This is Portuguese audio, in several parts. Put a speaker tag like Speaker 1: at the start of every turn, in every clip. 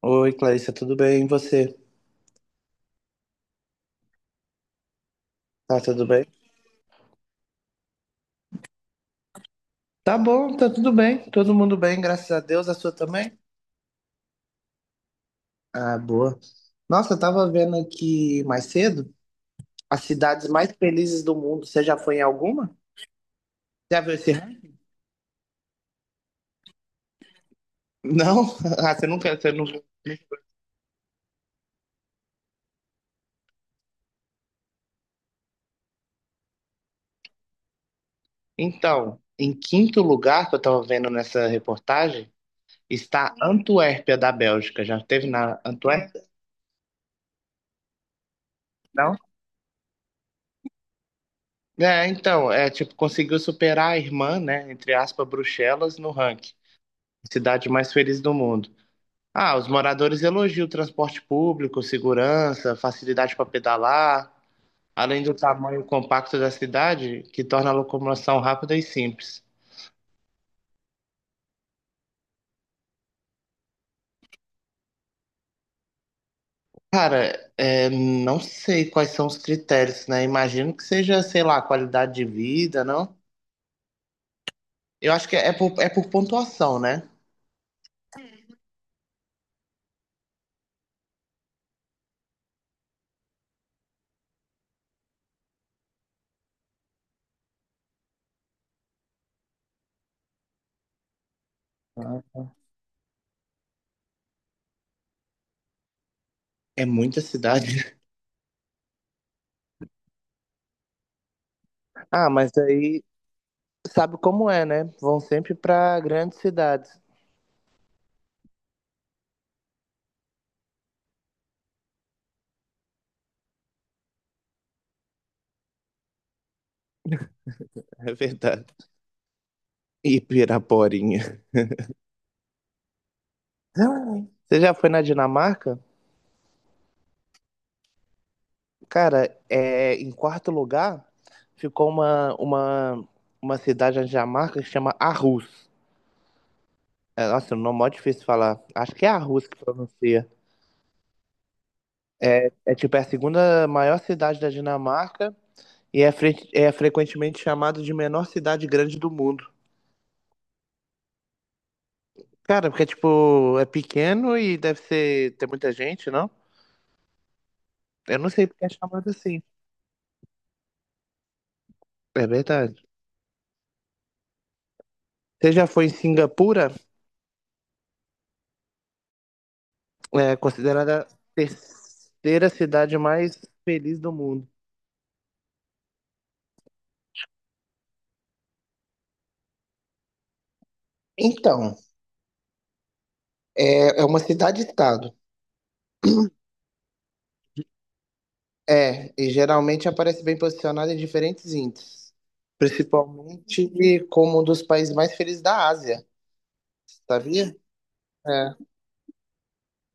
Speaker 1: Oi, Clarissa, tudo bem? E você? Tá tudo bem? Tá bom, tá tudo bem. Todo mundo bem, graças a Deus. A sua também? Ah, boa. Nossa, eu tava vendo aqui mais cedo as cidades mais felizes do mundo. Você já foi em alguma? Já viu esse ranking? Não? Ah, você não... Então, em quinto lugar, que eu tava vendo nessa reportagem, está Antuérpia, da Bélgica. Já esteve na Antuérpia? Não? É, então, é tipo, conseguiu superar a irmã, né, entre aspas, Bruxelas, no ranking. Cidade mais feliz do mundo. Ah, os moradores elogiam o transporte público, segurança, facilidade para pedalar, além do tamanho compacto da cidade, que torna a locomoção rápida e simples. Cara, é, não sei quais são os critérios, né? Imagino que seja, sei lá, qualidade de vida, não? Eu acho que é por pontuação, né? Ah, é muita cidade. Ah, mas aí sabe como é, né? Vão sempre para grandes cidades. É verdade. E Piraporinha. Ah, você já foi na Dinamarca? Cara, é, em quarto lugar ficou uma cidade na Dinamarca que chama Aarhus. É, nossa, o nome é mó difícil de falar. Acho que é Aarhus que pronuncia. É tipo, é a segunda maior cidade da Dinamarca e é, é frequentemente chamado de menor cidade grande do mundo. Cara, porque tipo, é pequeno e deve ser, ter muita gente, não? Eu não sei porque é chamado assim. É verdade. Você já foi em Singapura? É considerada a terceira cidade mais feliz do mundo. Então, é, é uma cidade-estado. É, e geralmente aparece bem posicionada em diferentes índices, principalmente como um dos países mais felizes da Ásia, sabia? É.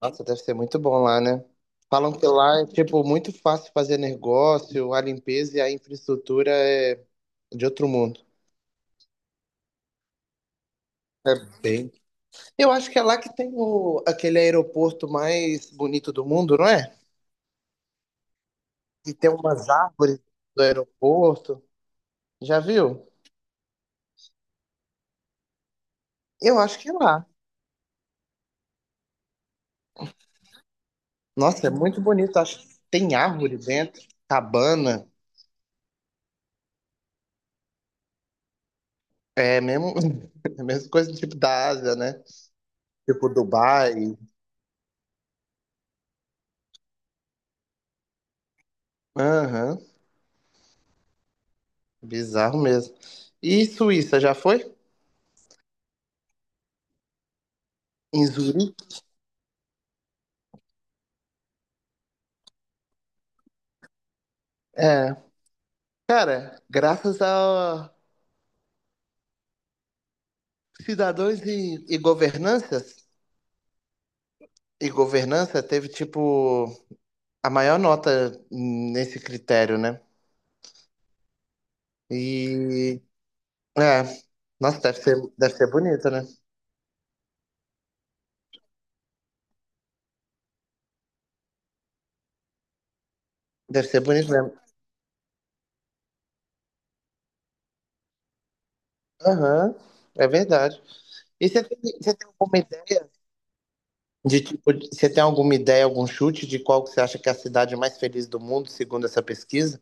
Speaker 1: Nossa, deve ser muito bom lá, né? Falam que lá é, tipo, muito fácil fazer negócio, a limpeza e a infraestrutura é de outro mundo. É bem. Eu acho que é lá que tem o, aquele aeroporto mais bonito do mundo, não é? E tem umas árvores do aeroporto. Já viu? Eu acho que é lá. Nossa, é muito bonito. Acho que tem árvore dentro, cabana. É mesmo, é a mesma coisa do tipo da Ásia, né? Tipo Dubai. Aham, bizarro mesmo. E Suíça, já foi? Em Zurique? É. Cara, graças a cidadãos e governanças, e governança teve, tipo, a maior nota nesse critério, né? E é. Nossa, deve ser bonito, né? Deve ser bonito mesmo. Aham, é verdade. E você tem alguma ideia de tipo, você tem alguma ideia, algum chute de qual que você acha que é a cidade mais feliz do mundo, segundo essa pesquisa?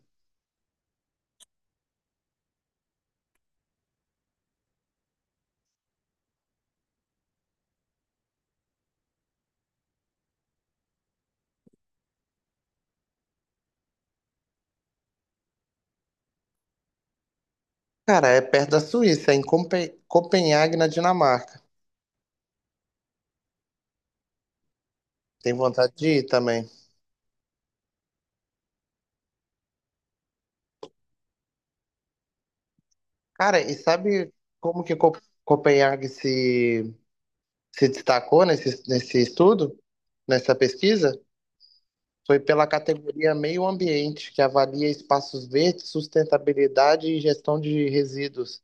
Speaker 1: Cara, é perto da Suíça, em Copenhague, na Dinamarca. Tem vontade de ir também. Cara, e sabe como que Copenhague se destacou nesse estudo, nessa pesquisa? Foi pela categoria Meio Ambiente, que avalia espaços verdes, sustentabilidade e gestão de resíduos.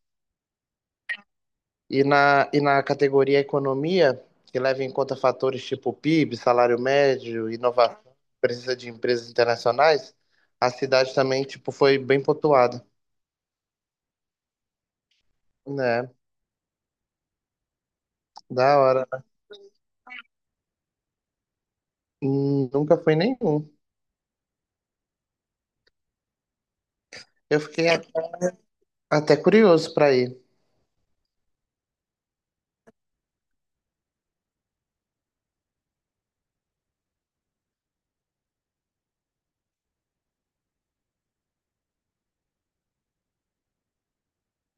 Speaker 1: E na categoria Economia, que leva em conta fatores tipo PIB, salário médio, inovação, presença de empresas internacionais, a cidade também tipo, foi bem pontuada. Né? Da hora. Nunca fui nenhum. Eu fiquei até curioso para ir.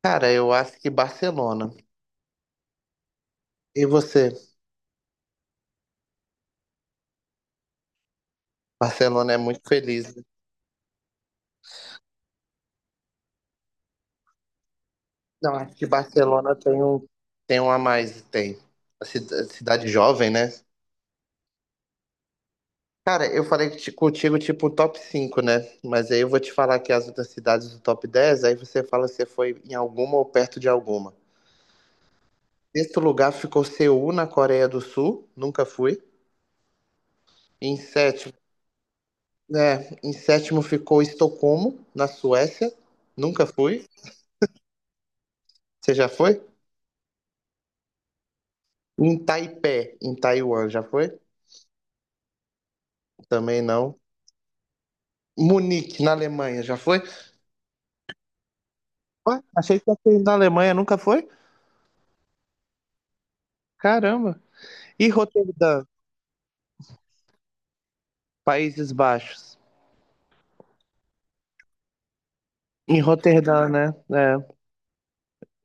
Speaker 1: Cara, eu acho que Barcelona. E você? Barcelona é muito feliz. Não, acho que Barcelona tem um a mais, tem. A cidade jovem, né? Cara, eu falei contigo tipo top 5, né? Mas aí eu vou te falar aqui as outras cidades do top 10, aí você fala se foi em alguma ou perto de alguma. Sexto lugar ficou Seul, na Coreia do Sul, nunca fui. Em sétimo, né? Em sétimo ficou Estocolmo, na Suécia, nunca fui. Você já foi? Em Taipei, em Taiwan, já foi? Também não. Munique, na Alemanha, já foi? Ué, achei que você na Alemanha nunca foi? Caramba. E Roterdã, Países Baixos? Em Roterdã, né? É,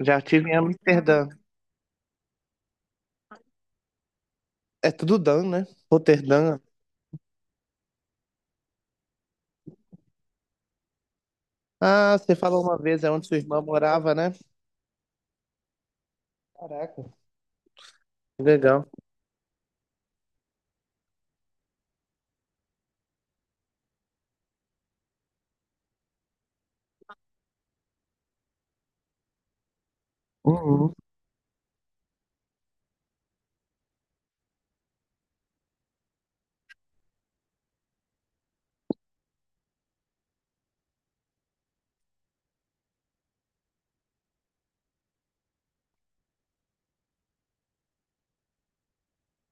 Speaker 1: já estive em Amsterdã. É tudo Dan, né? Roterdã. Ah, você falou uma vez, é onde sua irmã morava, né? Caraca, que legal. Uhum.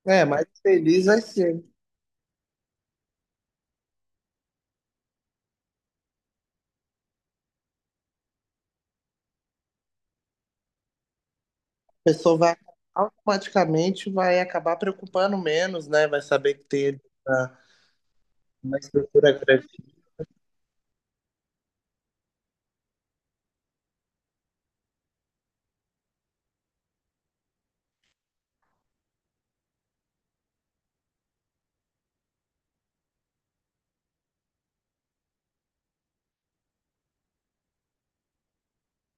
Speaker 1: É, mais feliz vai ser. A pessoa vai automaticamente vai acabar preocupando menos, né? Vai saber que tem ele na- uma estrutura grande.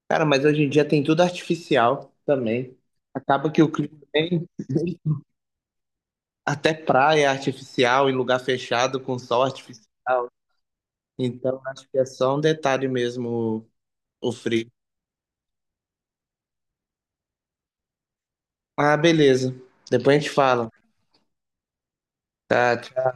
Speaker 1: Cara, mas hoje em dia tem tudo artificial também. Acaba que o clima nem, até praia artificial em lugar fechado com sol artificial. Então acho que é só um detalhe mesmo o frio. Ah, beleza. Depois a gente fala. Tá,